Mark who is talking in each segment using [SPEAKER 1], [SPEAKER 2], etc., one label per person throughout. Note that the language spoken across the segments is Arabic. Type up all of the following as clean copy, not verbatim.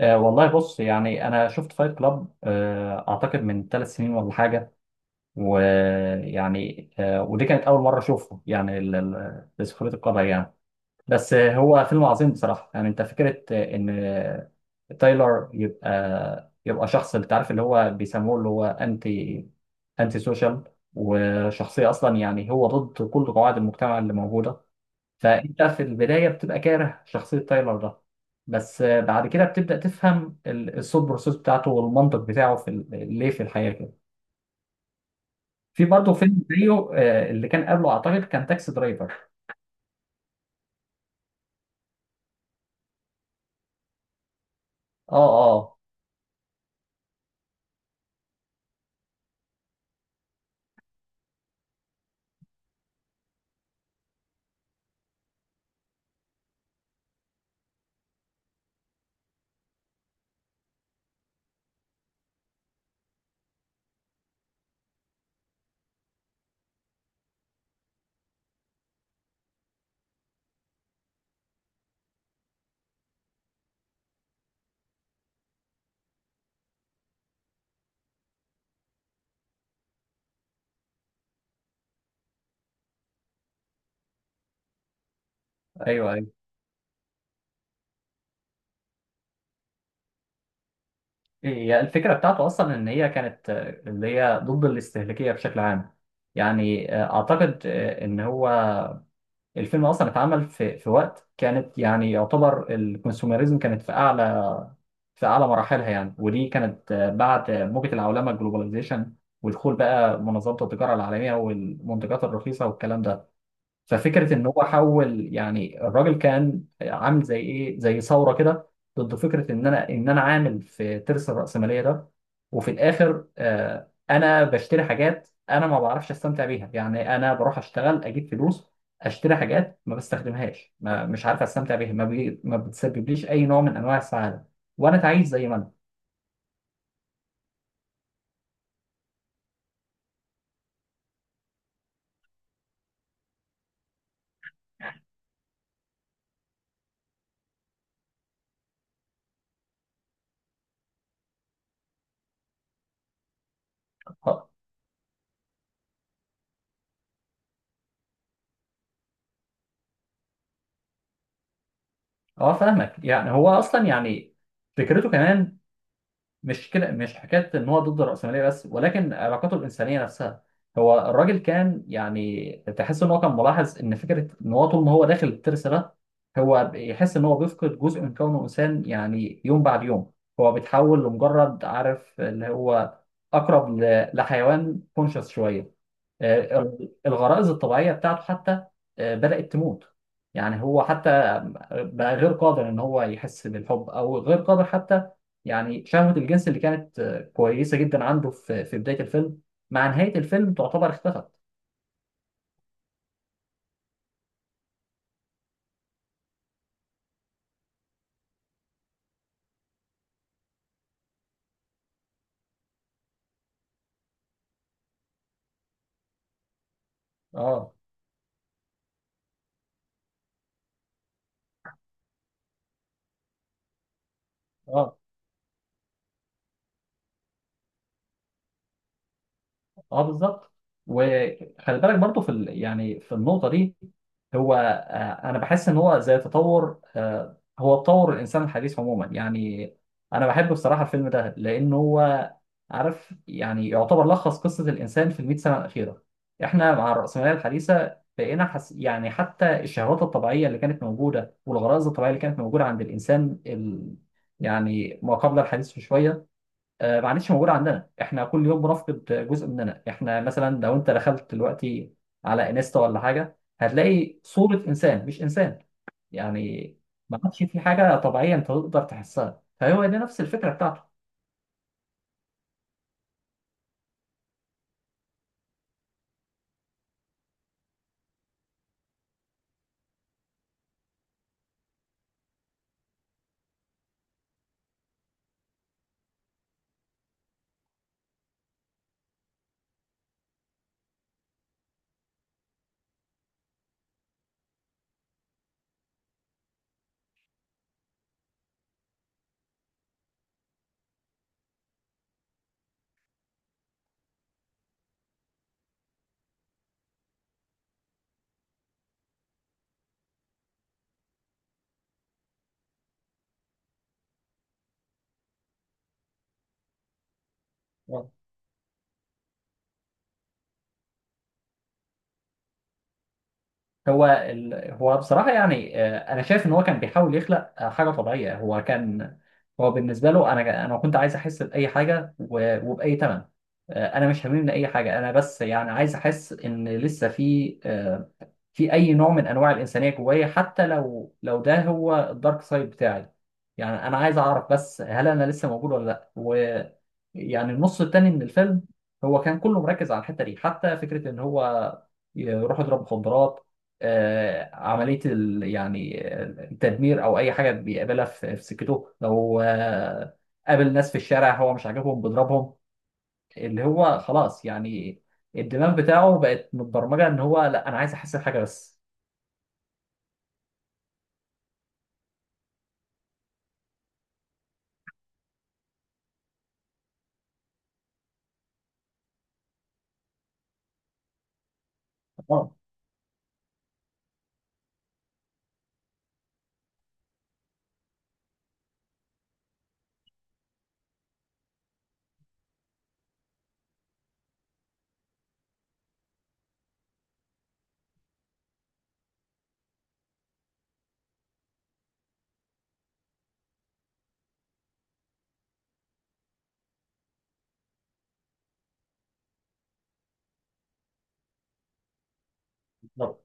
[SPEAKER 1] آه والله بص، يعني انا شفت فايت كلاب اعتقد من 3 سنين ولا حاجه. ويعني ودي كانت اول مره اشوفه، يعني لسخريه القدر يعني. بس هو فيلم عظيم بصراحه. يعني انت فكره ان تايلر يبقى شخص، انت عارف اللي هو بيسموه، اللي هو انتي سوشيال. وشخصيه اصلا، يعني هو ضد كل قواعد المجتمع اللي موجوده. فانت في البدايه بتبقى كاره شخصيه تايلر ده، بس بعد كده بتبدا تفهم الثوت بروسيس بتاعته والمنطق بتاعه في ليه في الحياه كده. في برضه فيلم زيه، اللي كان قبله اعتقد كان تاكسي درايفر. اه، اه. ايوه، ايوه. هي الفكره بتاعته اصلا ان هي كانت اللي هي ضد الاستهلاكيه بشكل عام. يعني اعتقد ان هو الفيلم اصلا اتعمل في وقت كانت، يعني يعتبر الكونسوميريزم كانت في اعلى مراحلها يعني. ودي كانت بعد موجة العولمه الجلوباليزيشن، ودخول بقى منظمه التجاره العالميه والمنتجات الرخيصه والكلام ده. ففكره ان هو حول، يعني الراجل كان عامل زي ايه، زي ثوره كده، ضد فكره ان انا عامل في ترس الراسماليه ده. وفي الاخر انا بشتري حاجات انا ما بعرفش استمتع بيها. يعني انا بروح اشتغل اجيب فلوس، اشتري حاجات ما بستخدمهاش، ما مش عارف استمتع بيها، ما بتسببليش اي نوع من انواع السعاده، وانا تعيس زي ما انا. اه. آه، فاهمك. يعني هو اصلا، يعني فكرته كمان مش كده، مش حكايه ان هو ضد الراسماليه بس، ولكن علاقاته الانسانيه نفسها. هو الراجل كان، يعني تحس ان هو كان ملاحظ ان فكره ان هو طول ما هو داخل الترس ده، هو يحس ان هو بيفقد جزء من كونه انسان يعني، يوم بعد يوم. هو بيتحول لمجرد، عارف اللي هو، اقرب لحيوان كونشس شويه. آه، الغرائز الطبيعية بتاعته حتى بدأت تموت. يعني هو حتى بقى غير قادر ان هو يحس بالحب، او غير قادر حتى، يعني شهوة الجنس اللي كانت كويسة جدا عنده في بداية الفيلم، مع نهاية الفيلم تعتبر اختفت. اه، اه. اه، بالظبط. وخلي بالك برضو يعني في النقطه دي، هو انا بحس ان هو زي تطور آه، هو تطور الانسان الحديث عموما يعني. انا بحب بصراحه الفيلم ده لان هو، عارف، يعني يعتبر لخص قصه الانسان في ال 100 سنه الاخيره. احنا مع الراسماليه الحديثه بقينا يعني حتى الشهوات الطبيعيه اللي كانت موجوده والغرائز الطبيعيه اللي كانت موجوده عند الانسان يعني ما قبل الحديث بشويه، ما عادتش موجوده عندنا. احنا كل يوم بنفقد جزء مننا. احنا مثلا لو انت دخلت دلوقتي على انستا ولا حاجه، هتلاقي صوره انسان مش انسان. يعني ما عادش في حاجه طبيعيه انت تقدر تحسها، فهو دي نفس الفكره بتاعته آه. هو بصراحة، يعني أنا شايف إن هو كان بيحاول يخلق حاجة طبيعية. هو كان، هو بالنسبة له، أنا كنت عايز أحس بأي حاجة وبأي تمن. أنا مش هاممني أي حاجة، أنا بس يعني عايز أحس إن لسه في اي نوع من انواع الانسانيه جوايا، حتى لو ده هو الدارك سايد بتاعي. يعني انا عايز اعرف بس، هل انا لسه موجود ولا لا؟ ويعني النص التاني من الفيلم هو كان كله مركز على الحته دي، حتى فكره ان هو يروح يضرب مخدرات، عمليه يعني التدمير، او اي حاجه بيقابلها في سكته. لو قابل ناس في الشارع هو مش عاجبهم بيضربهم. اللي هو خلاص، يعني الدماغ بتاعه بقت متبرمجه ان هو، لا، انا عايز احس بحاجه بس. اه، بالظبط.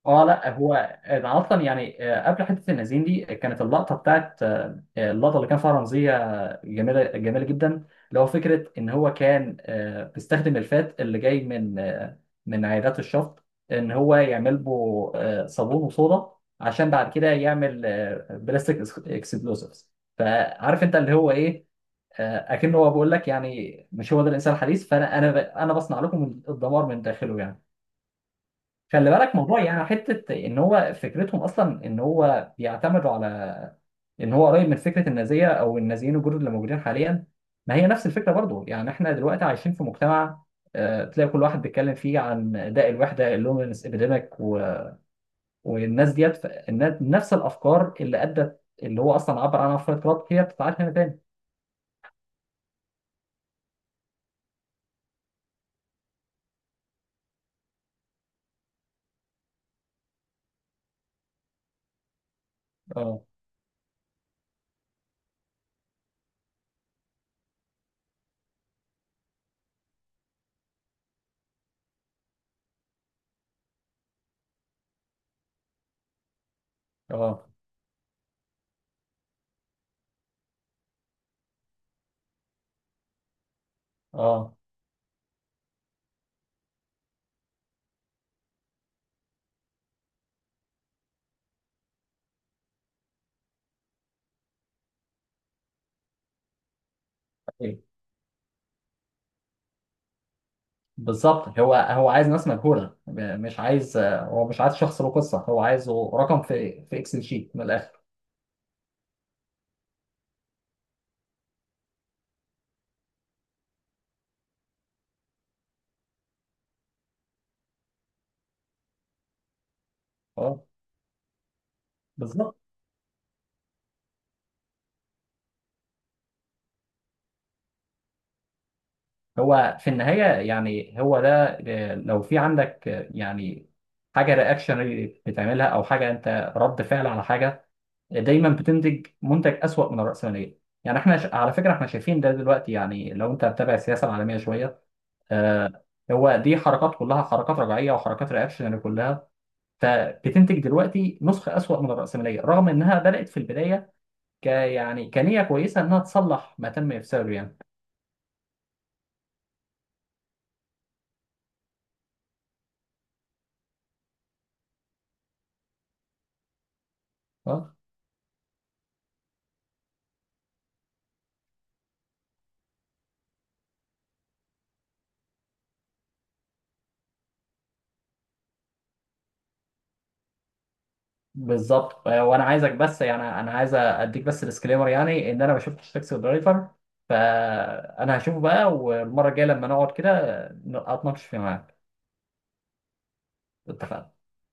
[SPEAKER 1] اه. لا هو ده اصلا، يعني قبل حته النازين دي، كانت اللقطه بتاعت آه، اللقطه اللي كان فيها رمزيه جميله، جميله جدا، اللي هو فكره ان هو كان بيستخدم الفات اللي جاي من عيادات الشفط، ان هو يعمل له صابون وصودا، عشان بعد كده يعمل بلاستيك اكسبلوسيفز. فعارف انت اللي هو ايه، اكنه هو بيقول لك، يعني مش هو ده الانسان الحديث، فانا انا بصنع لكم الدمار من داخله يعني. خلي بالك موضوع، يعني حته ان هو فكرتهم اصلا ان هو بيعتمدوا على ان هو قريب من فكره النازيه، او النازيين الجدد اللي موجودين حاليا. ما هي نفس الفكره برضو، يعني احنا دلوقتي عايشين في مجتمع تلاقي كل واحد بيتكلم فيه عن داء الوحده، اللومينس ابيديميك، والناس ديت، نفس الافكار اللي ادت، اللي هو اصلا عبر عنها فريد كلارك، هي بتتعاد هنا تاني. اه، اه، اه، بالظبط. هو عايز ناس مجهوله، مش عايز هو مش عايز شخص له قصه، هو عايزه رقم في اكسل شيت من الاخر. اه، بالظبط. هو في النهايه، يعني هو ده، لو في عندك يعني حاجه رياكشن بتعملها، او حاجه انت رد فعل على حاجه، دايما بتنتج منتج اسوأ من الرأسماليه. يعني على فكره احنا شايفين ده دلوقتي، يعني لو انت متابع السياسه العالميه شويه، آه، هو دي حركات كلها، حركات رجعيه وحركات رياكشن كلها، فبتنتج دلوقتي نسخة أسوأ من الرأسمالية، رغم إنها بدأت في البداية يعني كنية كويسة إنها تصلح ما تم إفساده يعني. أه، بالظبط. وأنا عايزك، بس يعني أنا عايز أديك بس ديسكليمر، يعني إن أنا ما شفتش تاكسي درايفر، فأنا هشوفه بقى، والمرة الجاية لما نقعد كده أتناقش فيه معاك. اتفقنا.